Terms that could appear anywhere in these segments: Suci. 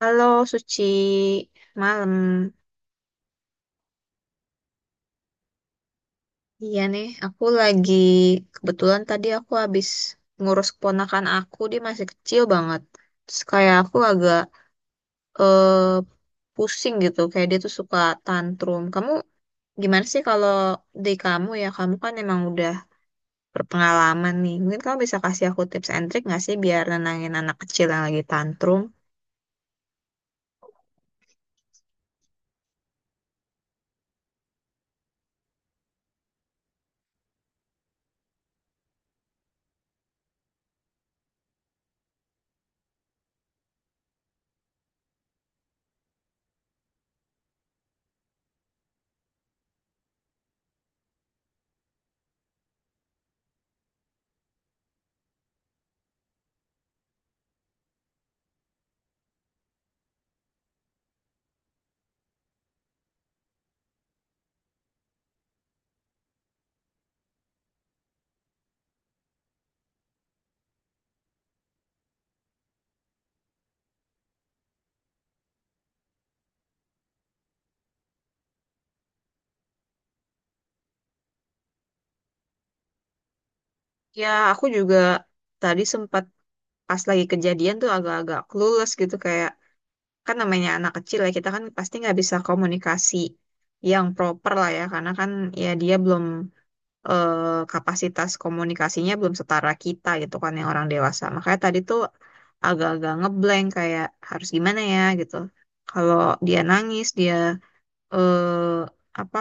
Halo Suci, malam. Iya nih, aku lagi kebetulan tadi aku habis ngurus keponakan aku, dia masih kecil banget. Terus kayak aku agak eh, pusing gitu, kayak dia tuh suka tantrum. Kamu gimana sih kalau di kamu ya, kamu kan emang udah berpengalaman nih. Mungkin kamu bisa kasih aku tips and trick nggak sih biar nenangin anak kecil yang lagi tantrum? Ya, aku juga tadi sempat pas lagi kejadian tuh agak-agak clueless gitu, kayak kan namanya anak kecil ya, kita kan pasti nggak bisa komunikasi yang proper lah ya, karena kan ya dia belum, eh, kapasitas komunikasinya belum setara kita gitu kan yang orang dewasa. Makanya tadi tuh agak-agak ngeblank, kayak harus gimana ya gitu kalau dia nangis, dia eh, apa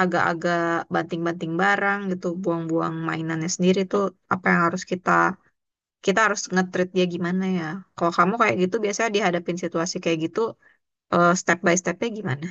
agak-agak banting-banting barang gitu, buang-buang mainannya sendiri tuh apa yang harus kita kita harus dia gimana ya, kalau kamu kayak gitu biasanya dihadapin situasi kayak gitu, step by stepnya gimana?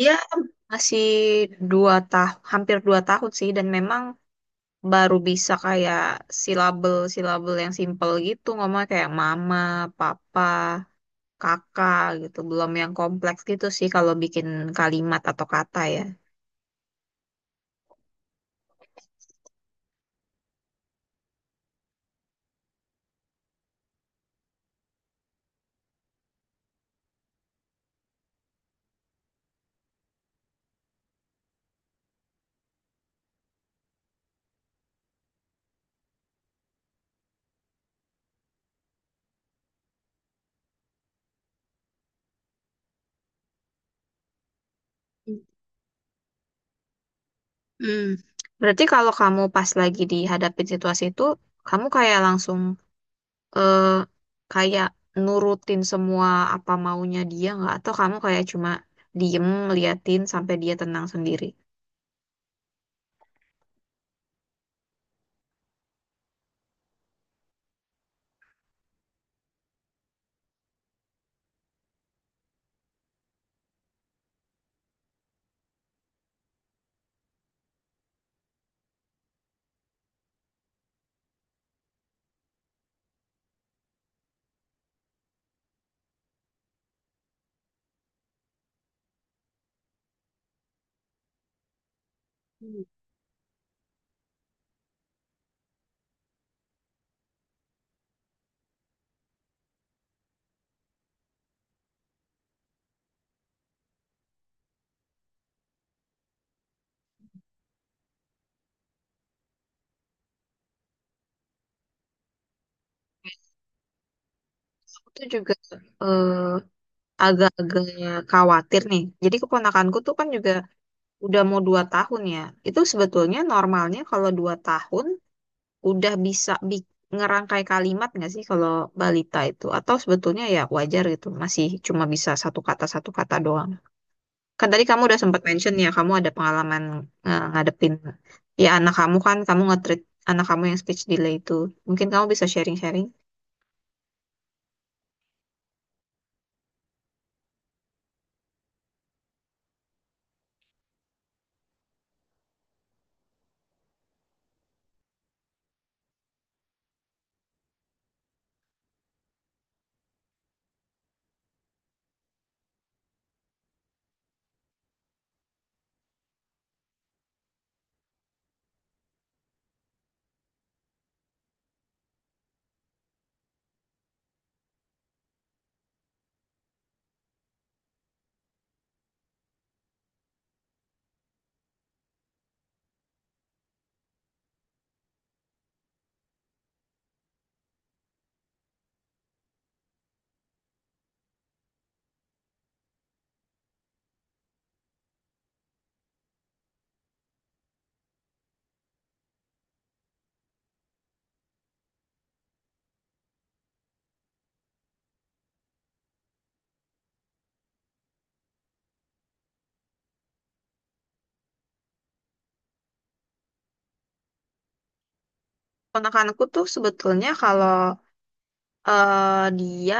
Iya, masih 2 tahun, hampir 2 tahun sih, dan memang baru bisa kayak silabel-silabel yang simple gitu, ngomong kayak mama, papa, kakak gitu, belum yang kompleks gitu sih kalau bikin kalimat atau kata ya. Hmm. Berarti kalau kamu pas lagi dihadapin situasi itu, kamu kayak langsung eh kayak nurutin semua apa maunya dia, nggak, atau kamu kayak cuma diem liatin sampai dia tenang sendiri? Aku tuh juga eh, agak-agak khawatir nih, jadi keponakanku tuh kan juga udah mau 2 tahun ya, itu sebetulnya normalnya kalau 2 tahun udah bisa ngerangkai kalimat nggak sih kalau balita itu, atau sebetulnya ya wajar gitu masih cuma bisa satu kata doang? Kan tadi kamu udah sempat mention ya, kamu ada pengalaman ngadepin ya anak kamu kan, kamu nge-treat anak kamu yang speech delay itu. Mungkin kamu bisa sharing-sharing. Ponakanku tuh sebetulnya kalau dia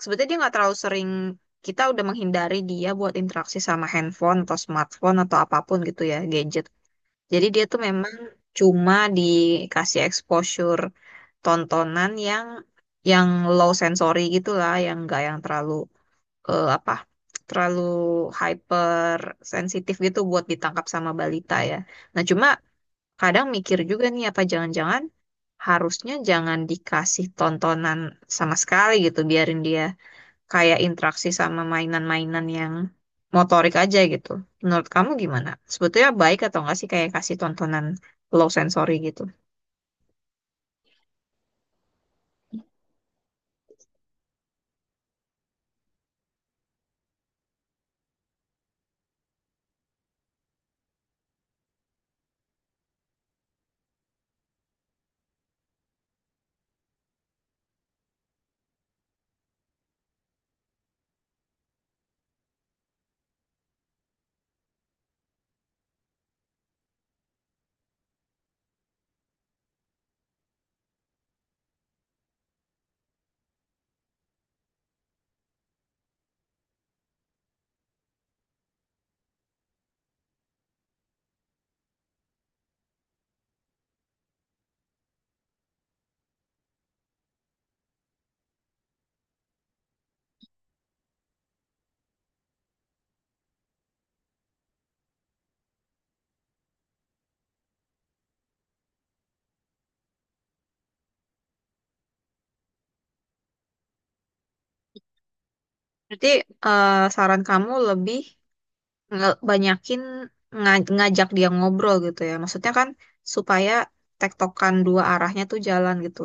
sebetulnya dia nggak terlalu sering, kita udah menghindari dia buat interaksi sama handphone atau smartphone atau apapun gitu ya, gadget. Jadi dia tuh memang cuma dikasih exposure tontonan yang yang low sensory gitulah, yang nggak yang terlalu apa terlalu hyper sensitif gitu buat ditangkap sama balita ya. Nah, cuma kadang mikir juga nih, apa jangan-jangan harusnya jangan dikasih tontonan sama sekali gitu, biarin dia kayak interaksi sama mainan-mainan yang motorik aja gitu. Menurut kamu gimana? Sebetulnya baik atau enggak sih kayak kasih tontonan low sensory gitu? Berarti eh, saran kamu lebih banyakin ngajak dia ngobrol gitu ya. Maksudnya kan supaya tektokan dua arahnya tuh jalan gitu.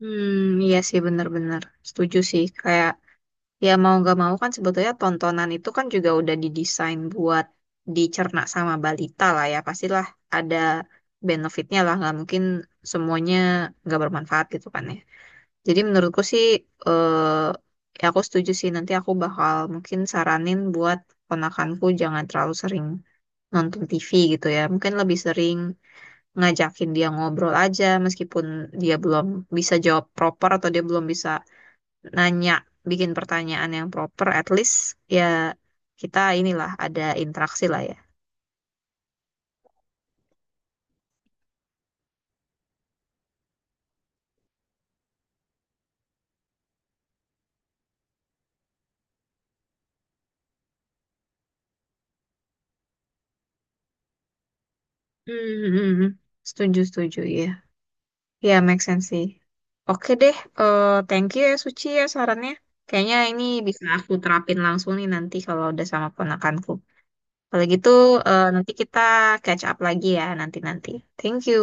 Hmm, iya sih, bener-bener. Setuju sih. Kayak ya mau nggak mau kan sebetulnya tontonan itu kan juga udah didesain buat dicerna sama balita lah ya. Pastilah ada benefitnya lah. Nggak mungkin semuanya nggak bermanfaat gitu kan ya. Jadi menurutku sih ya aku setuju sih, nanti aku bakal mungkin saranin buat ponakanku jangan terlalu sering nonton TV gitu ya. Mungkin lebih sering ngajakin dia ngobrol aja, meskipun dia belum bisa jawab proper atau dia belum bisa nanya, bikin pertanyaan yang proper, at least ya kita inilah ada interaksi lah ya. Hmm, hmm, hmm. Setuju, setuju ya. Ya make sense sih. Oke deh, thank you ya Suci ya sarannya. Kayaknya ini bisa aku terapin langsung nih nanti kalau udah sama ponakanku. Kalau gitu, nanti kita catch up lagi ya nanti-nanti. Thank you.